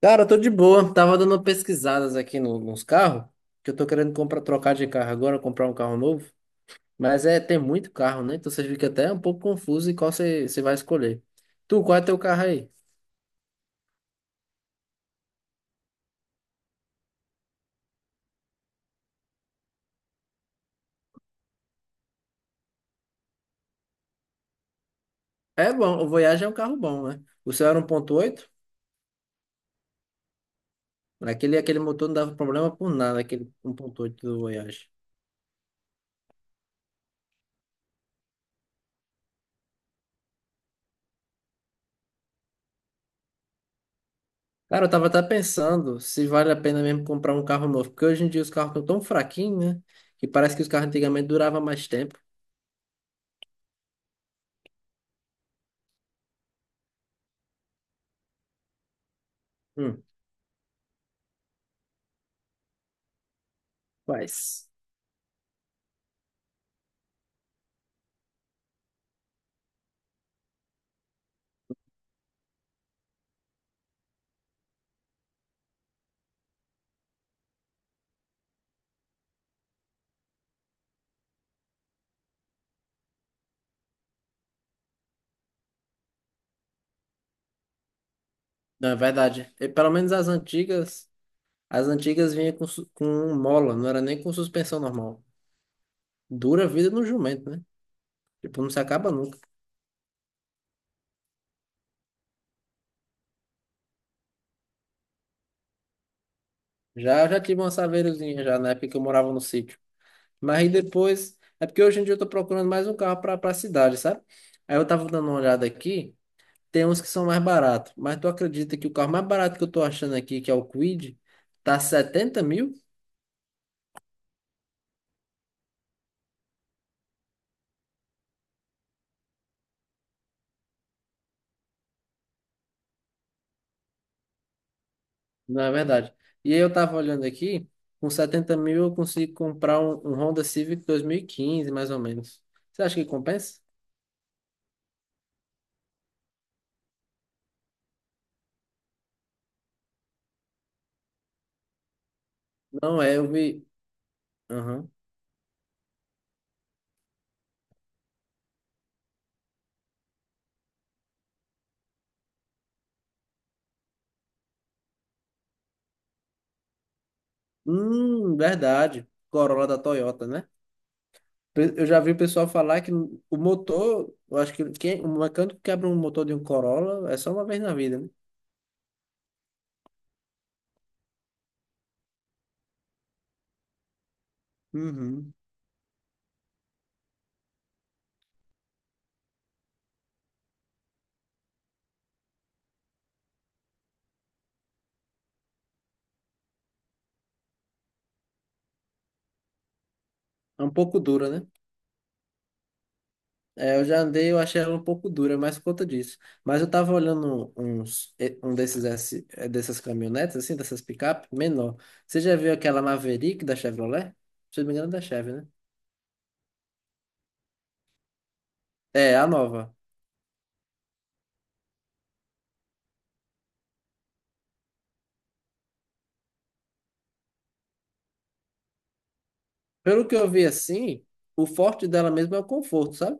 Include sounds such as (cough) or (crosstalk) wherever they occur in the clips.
Cara, eu tô de boa. Tava dando pesquisadas aqui nos carros, que eu tô querendo comprar, trocar de carro agora, comprar um carro novo. Mas é, tem muito carro, né? Então você fica até um pouco confuso em qual você vai escolher. Tu, qual é teu carro aí? É bom, o Voyage é um carro bom, né? O seu era 1.8. Aquele motor não dava problema por nada, aquele 1.8 do Voyage. Cara, eu tava até pensando se vale a pena mesmo comprar um carro novo, porque hoje em dia os carros estão tão fraquinhos, né? Que parece que os carros antigamente duravam mais tempo. Hum, quais? Não, é verdade. E, pelo menos as antigas vinha com mola, não era nem com suspensão normal. Dura a vida no jumento, né? Tipo, não se acaba nunca. Já tive uma saveirozinha já na época que eu morava no sítio. Mas aí depois, é porque hoje em dia eu tô procurando mais um carro pra cidade, sabe? Aí eu tava dando uma olhada aqui, tem uns que são mais baratos. Mas tu acredita que o carro mais barato que eu tô achando aqui, que é o Kwid, tá 70.000? Não é verdade. E aí eu tava olhando aqui, com 70.000 eu consigo comprar um Honda Civic 2015 mais ou menos. Você acha que compensa? Não é, eu vi. Aham. Verdade. Corolla da Toyota, né? Eu já vi o pessoal falar que o motor, eu acho que quem, o mecânico que quebra um motor de um Corolla é só uma vez na vida, né? Uhum. É um pouco dura, né? É, eu já andei, eu achei ela um pouco dura, mas por conta disso. Mas eu tava olhando uns, um desses, dessas caminhonetes, assim, dessas picape, menor. Você já viu aquela Maverick da Chevrolet? Se eu não me engano, é da Chevy, né? É, a nova. Pelo que eu vi, assim, o forte dela mesmo é o conforto, sabe?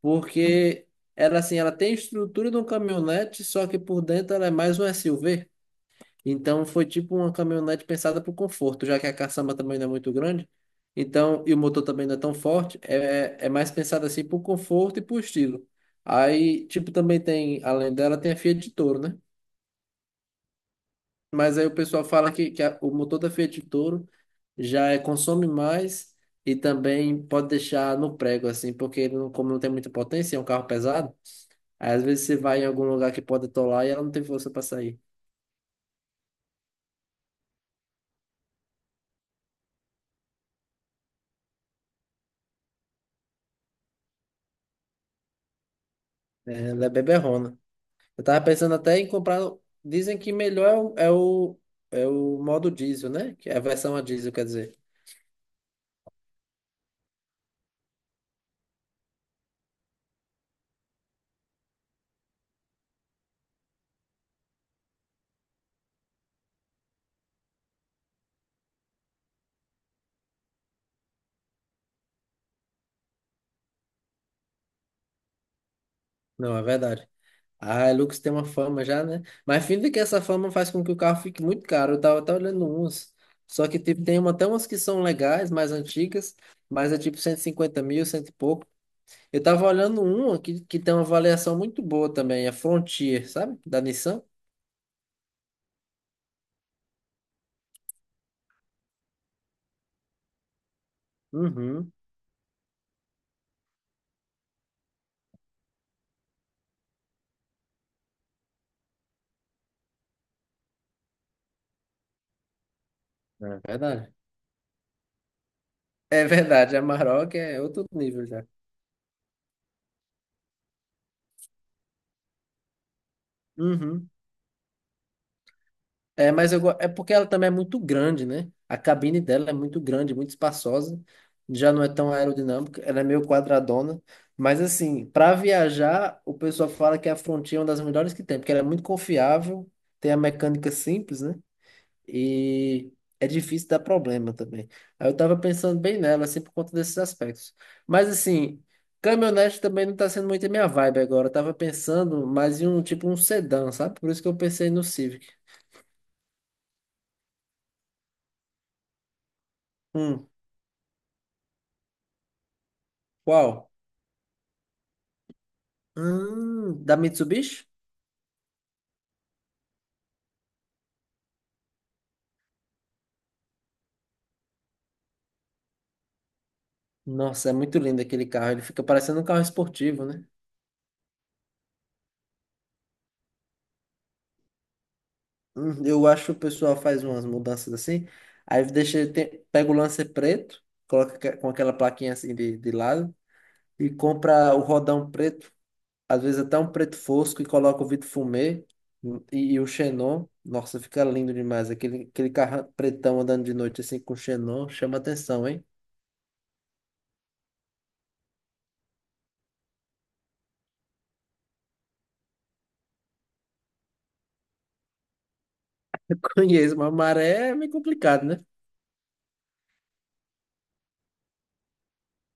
Porque ela, assim, ela tem a estrutura de um caminhonete, só que por dentro ela é mais um SUV. Então foi tipo uma caminhonete pensada para o conforto, já que a caçamba também não é muito grande. Então, e o motor também não é tão forte, é mais pensada assim para o conforto e para o estilo. Aí, tipo, também tem, além dela, tem a Fiat Toro, né? Mas aí o pessoal fala que o motor da Fiat Toro já consome mais e também pode deixar no prego, assim, porque ele não, como não tem muita potência, é um carro pesado, aí às vezes você vai em algum lugar que pode atolar e ela não tem força para sair. É, ela é beberrona. Eu tava pensando até em comprar. Dizem que melhor é o, é o modo diesel, né? Que é a versão a diesel, quer dizer. Não, é verdade. Ah, a Hilux tem uma fama já, né? Mas fim que essa fama faz com que o carro fique muito caro. Eu tava até olhando uns. Só que tipo, tem uma, até umas que são legais, mais antigas, mas é tipo 150.000, cento e pouco. Eu tava olhando uma que tem uma avaliação muito boa também, a Frontier, sabe? Da Nissan. Uhum. Né? Verdade. É verdade, a Maroc é outro nível já. Uhum. É, mas é porque ela também é muito grande, né? A cabine dela é muito grande, muito espaçosa. Já não é tão aerodinâmica, ela é meio quadradona. Mas assim, para viajar, o pessoal fala que a Frontier é uma das melhores que tem, porque ela é muito confiável, tem a mecânica simples, né? E é difícil dar problema também. Aí eu tava pensando bem nela, assim, por conta desses aspectos. Mas assim, caminhonete também não tá sendo muito a minha vibe agora. Eu tava pensando mais em um tipo um sedã, sabe? Por isso que eu pensei no Civic. Hum. Qual? Da Mitsubishi? Nossa, é muito lindo aquele carro. Ele fica parecendo um carro esportivo, né? Eu acho que o pessoal faz umas mudanças assim. Aí deixa, tem, pega o Lancer preto, coloca com aquela plaquinha assim de lado e compra o rodão preto. Às vezes até um preto fosco e coloca o vidro fumê e o xenon. Nossa, fica lindo demais. Aquele carro pretão andando de noite assim com xenon chama atenção, hein? (laughs) Eu conheço, mas maré é meio complicado, né?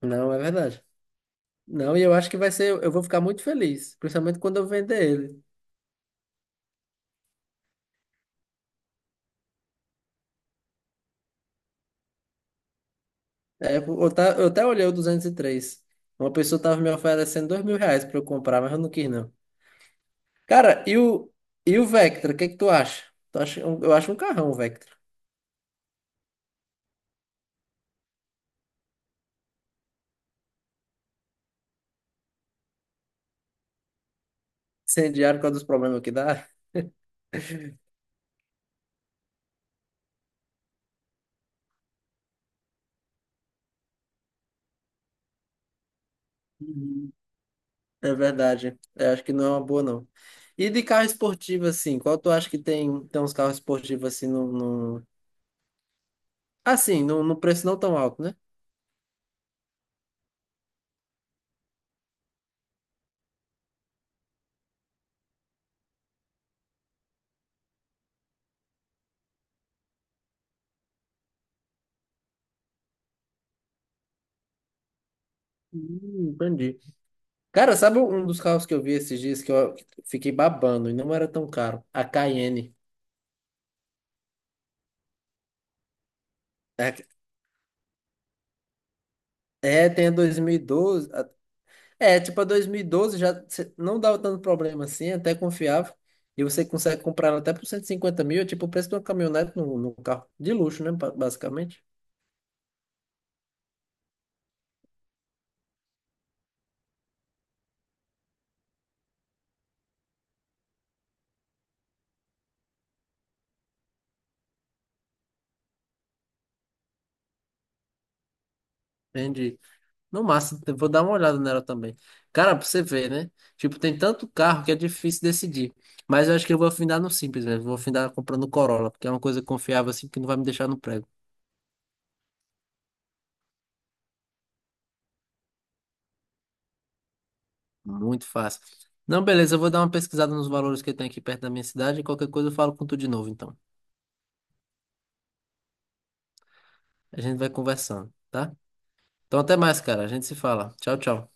Não, é verdade. Não, e eu acho que vai ser, eu vou ficar muito feliz, principalmente quando eu vender ele. É, eu, tá, eu até olhei o 203. Uma pessoa tava me oferecendo R$ 2.000 pra eu comprar, mas eu não quis, não. Cara, e o Vectra, o que é que tu acha? Tu acha eu acho um carrão, o Vectra. Incendiário por causa dos problemas que dá. Uhum. É verdade. Eu acho que não é uma boa, não. E de carro esportivo, assim, qual tu acha que tem, uns carros esportivos assim no, no... no preço não tão alto, né? Entendi. Cara, sabe um dos carros que eu vi esses dias que eu fiquei babando e não era tão caro? A Cayenne. É, tem a 2012. É, tipo, a 2012 já não dava tanto problema assim, é até confiável. E você consegue comprar ela até por 150.000, é tipo o preço de uma caminhonete num carro de luxo, né? Basicamente. Entendi. No máximo, eu vou dar uma olhada nela também. Cara, pra você ver, né? Tipo, tem tanto carro que é difícil decidir. Mas eu acho que eu vou afinar no simples mesmo. Vou afinar comprando Corolla, porque é uma coisa confiável assim que não vai me deixar no prego. Muito fácil. Não, beleza, eu vou dar uma pesquisada nos valores que tem aqui perto da minha cidade e qualquer coisa eu falo com tu de novo, então. A gente vai conversando, tá? Então até mais, cara. A gente se fala. Tchau, tchau.